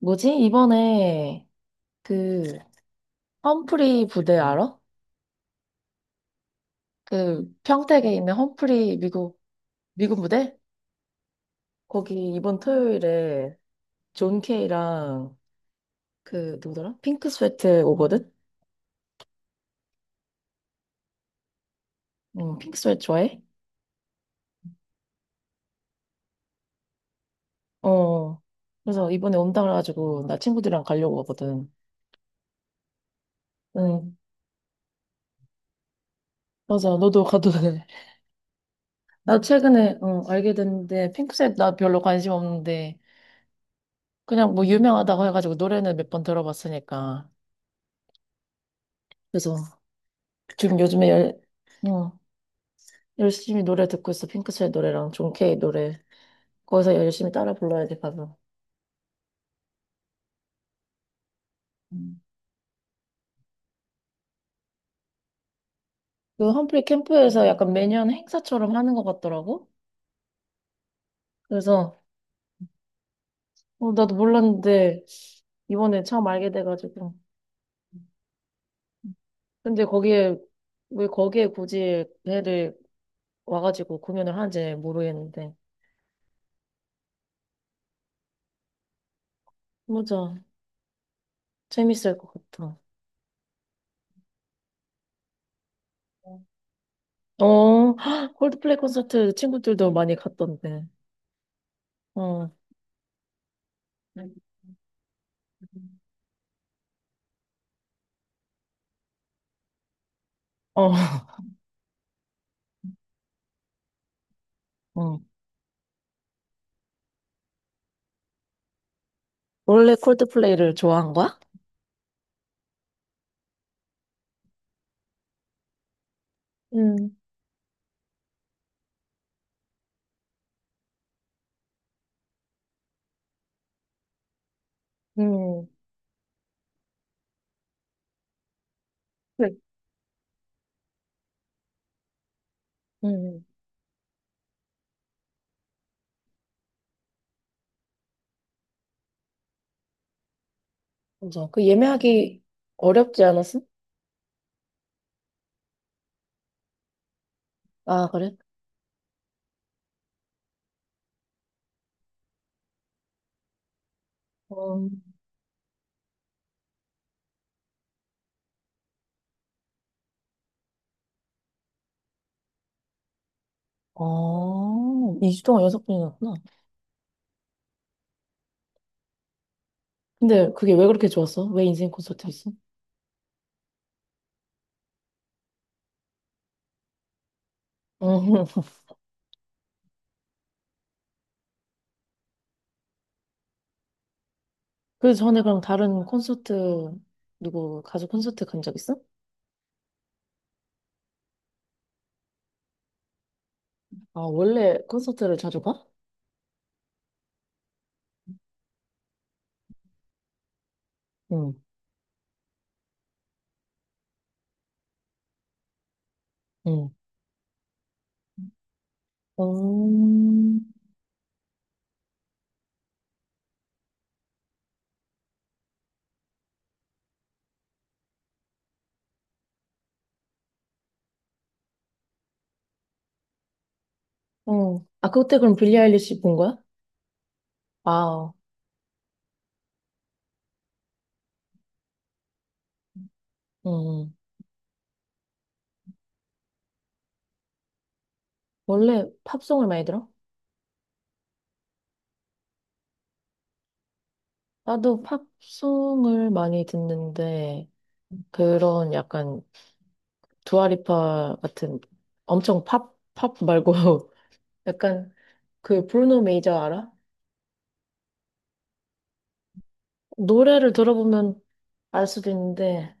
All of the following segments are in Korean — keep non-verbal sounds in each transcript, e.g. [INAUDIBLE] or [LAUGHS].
뭐지? 이번에 그 험프리 부대 알아? 그 평택에 있는 험프리 미국 미군 부대? 거기 이번 토요일에 존 케이랑 그 누구더라? 핑크 스웨트 오거든? 응, 핑크 스웨트 좋아해? 어. 그래서 이번에 온다 그래가지고 나 친구들이랑 가려고 하거든. 응. 맞아. 너도 가도 돼. [LAUGHS] 나 최근에 응, 알게 됐는데 핑크 스웨트 나 별로 관심 없는데 그냥 뭐 유명하다고 해가지고 노래는 몇 번 들어봤으니까. 그래서 지금 요즘에 어, 열심히 노래 듣고 있어. 핑크스의 노래랑 존 케이 노래. 거기서 열심히 따라 불러야 돼, 가서. 음. 그 험프리 캠프에서 약간 매년 행사처럼 하는 것 같더라고. 그래서 나도 몰랐는데 이번에 처음 알게 돼가지고. 근데 거기에 왜 거기에 굳이 배를 와가지고 공연을 하는지 모르겠는데. 맞아. 재밌을 것 같아. 어, 헉, 콜드플레이 콘서트 친구들도 많이 갔던데. 어, 네. 어. [LAUGHS] 응. 원래 콜드플레이를 좋아한 거야? 음, 음, 그래. 음, 맞아. 그 예매하기 어렵지 않았어? 아, 그래? 어, 어, 2주 동안 연속 분이었구나. 근데 그게 왜 그렇게 좋았어? 왜 인생 콘서트였어? 음. [LAUGHS] 그 전에 그럼 다른 콘서트, 누구 가수 콘서트 간 적 있어? 아, 원래 콘서트를 자주 가? 응, 응. 음, 어. 아, 그때 그럼 빌리 아일리시 본 거야? 아, 응. 원래 팝송을 많이 들어? 나도 팝송을 많이 듣는데, 그런 약간 두아리파 같은 엄청 팝, 팝 말고, [LAUGHS] 약간 그 브루노 메이저 알아? 노래를 들어보면 알 수도 있는데,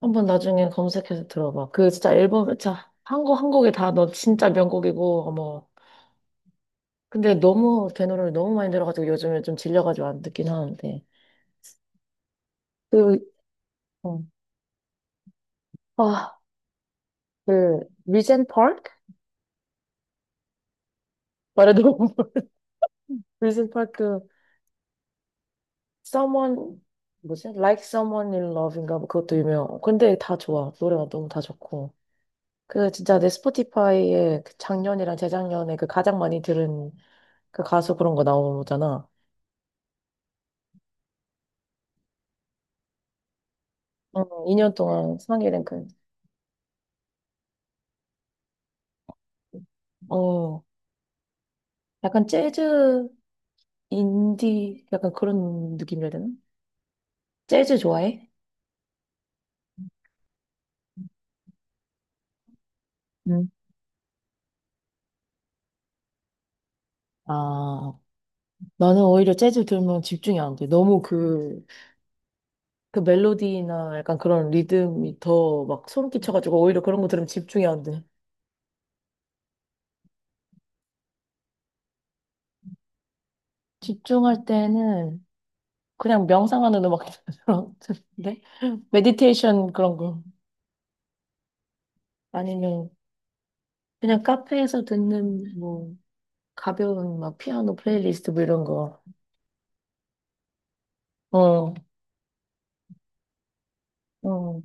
한번 나중에 검색해서 들어봐. 그 진짜 앨범, 자, 한 곡 한 곡이 다 너 진짜 명곡이고, 어머. 근데 너무 걔 노래를 너무 많이 들어가지고 요즘에 좀 질려가지고 안 듣긴 하는데. 그, 어, 아, 그, 리젠 파크? 말해도 [LAUGHS] 리젠 파크 someone 뭐지? Like Someone in Love인가 뭐 그것도 유명. 근데 다 좋아. 노래가 너무 다 좋고. 그 진짜 내 스포티파이에 그 작년이랑 재작년에 그 가장 많이 들은 그 가수 그런 거 나오잖아. 어, 2년 동안 상위 랭크. 어, 약간 재즈 인디 약간 그런 느낌이라 해야 되나? 재즈 좋아해? 응. 아, 나는 오히려 재즈 들으면 집중이 안 돼. 너무 그 멜로디나 약간 그런 리듬이 더 막 소름 끼쳐가지고 오히려 그런 거 들으면 집중이 안 돼. 집중할 때는 그냥 명상하는 음악 [LAUGHS] 들었는데 메디테이션 그런 거 아니면 그냥 카페에서 듣는 뭐 가벼운 막 피아노 플레이리스트 뭐 이런 거. 어, 어.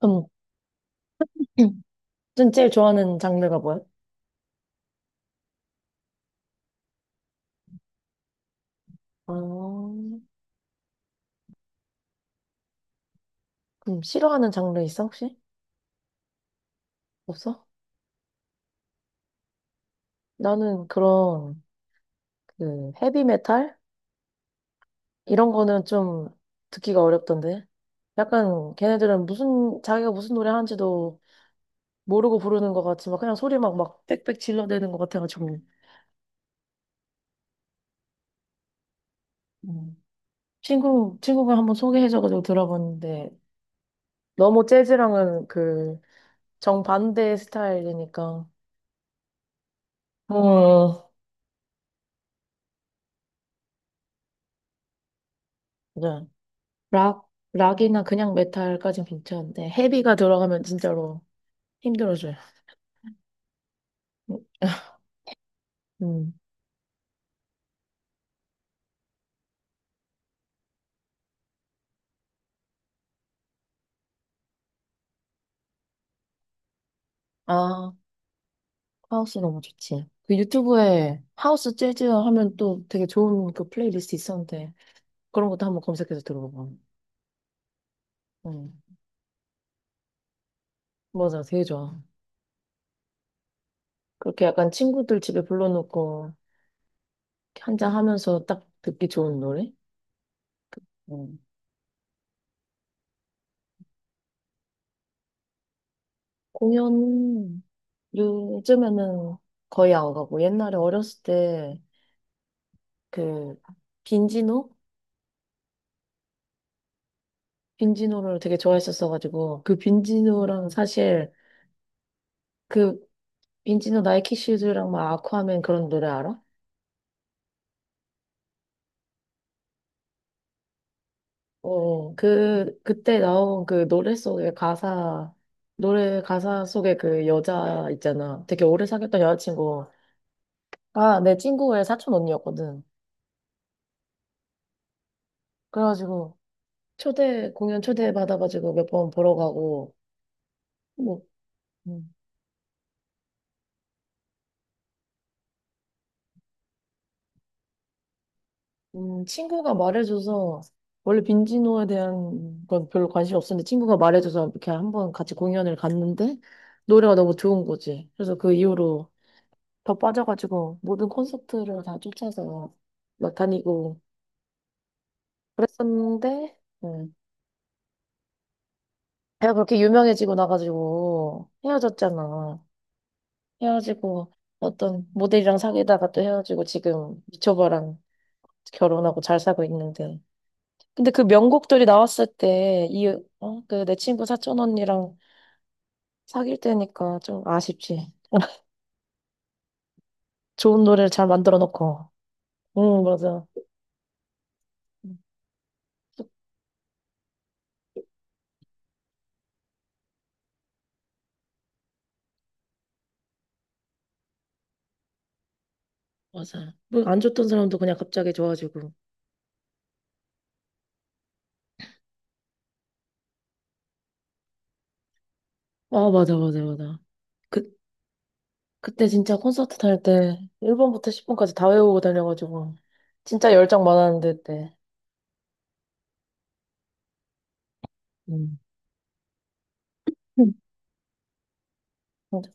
그럼 [CLEARS THROAT] 넌 제일 좋아하는 장르가 뭐야? 아, 그럼 싫어하는 장르 있어 혹시? 없어? 나는 그런 그 헤비메탈? 이런 거는 좀 듣기가 어렵던데. 약간 걔네들은 무슨 자기가 무슨 노래 하는지도 모르고 부르는 것 같지만 그냥 소리 막 막 빽빽 질러대는 것 같아가지고 음. 친구가 한번 소개해줘가지고 들어봤는데 너무 재즈랑은 그 정반대 스타일이니까 어, 맞아. 락 락이나 그냥 메탈까진 괜찮은데 헤비가 들어가면 진짜로 힘들어져요. [LAUGHS] 음. 아, 하우스 너무 좋지. 그 유튜브에 하우스 재즈 하면 또 되게 좋은 그 플레이리스트 있었는데 그런 것도 한번 검색해서 들어봐봐. 응. 맞아, 되게 좋아. 그렇게 약간 친구들 집에 불러놓고 한잔 하면서 딱 듣기 좋은 노래? 응. 공연 요즘에는 거의 안 가고 옛날에 어렸을 때 그 빈지노? 빈지노를 되게 좋아했었어가지고 그 빈지노랑 사실 그 빈지노 나이키 슈즈랑 막 아쿠아맨 그런 노래 알아? 어, 그때 나온 그 노래 속의 가사, 노래 가사 속에 그 여자 있잖아. 되게 오래 사귀었던 여자친구. 아, 내 친구의 사촌 언니였거든. 그래가지고 공연 초대받아가지고 몇 번 보러 가고, 뭐, 음, 친구가 말해줘서, 원래 빈지노에 대한 건 별로 관심이 없었는데, 친구가 말해줘서 이렇게 한번 같이 공연을 갔는데, 노래가 너무 좋은 거지. 그래서 그 이후로 더 빠져가지고 모든 콘서트를 다 쫓아서 막 다니고 그랬었는데 음. 내가 그렇게 유명해지고 나가지고 헤어졌잖아. 헤어지고 어떤 모델이랑 사귀다가 또 헤어지고 지금 미초바랑 결혼하고 잘 살고 있는데 근데 그 명곡들이 나왔을 때 이 어? 그 내 친구 사촌 언니랑 사귈 때니까 좀 아쉽지. 좋은 노래를 잘 만들어 놓고. 응, 맞아. 응, 맞아. 뭐 안 좋던 사람도 그냥 갑자기 좋아지고. 아, 맞아, 맞아, 맞아. 그, 그때 진짜 콘서트 다닐 때 1번부터 10번까지 다 외우고 다녀가지고 진짜 열정 많았는데, 그때. 음. 음. 맞아.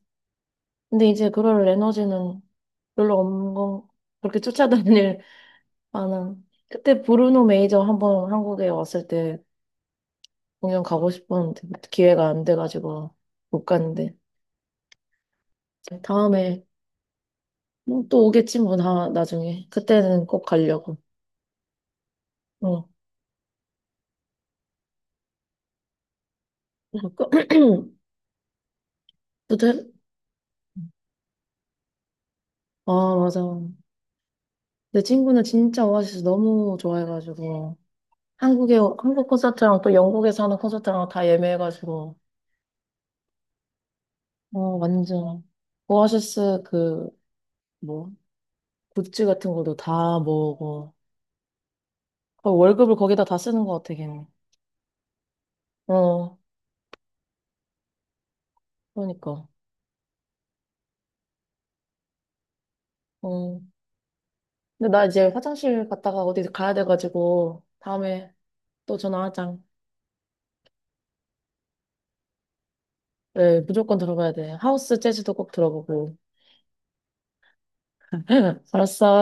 근데 이제 그럴 에너지는 별로 없는 건 그렇게 쫓아다닐 [LAUGHS] 만한. 그때 브루노 메이저 한 번 한국에 왔을 때 공연 가고 싶었는데 기회가 안 돼가지고 못 갔는데 다음에 뭐 또 오겠지 뭐 나중에 그때는 꼭 가려고. 어. [CLEARS THROAT] 그때 아, 맞아. 내 친구는 진짜 오아시스 너무 좋아해가지고 한국 콘서트랑 또 영국에서 하는 콘서트랑 다 예매해가지고 어, 완전. 오아시스 그 뭐 굿즈 같은 것도 다 모으고 거의 월급을 거기다 다 쓰는 것 같아 걔는. 어, 그러니까. 어, 근데 나 이제 화장실 갔다가 어디 가야 돼가지고 다음에 또 전화하자. 네, 무조건 들어가야 돼. 하우스 재즈도 꼭 들어보고. [LAUGHS] 알았어.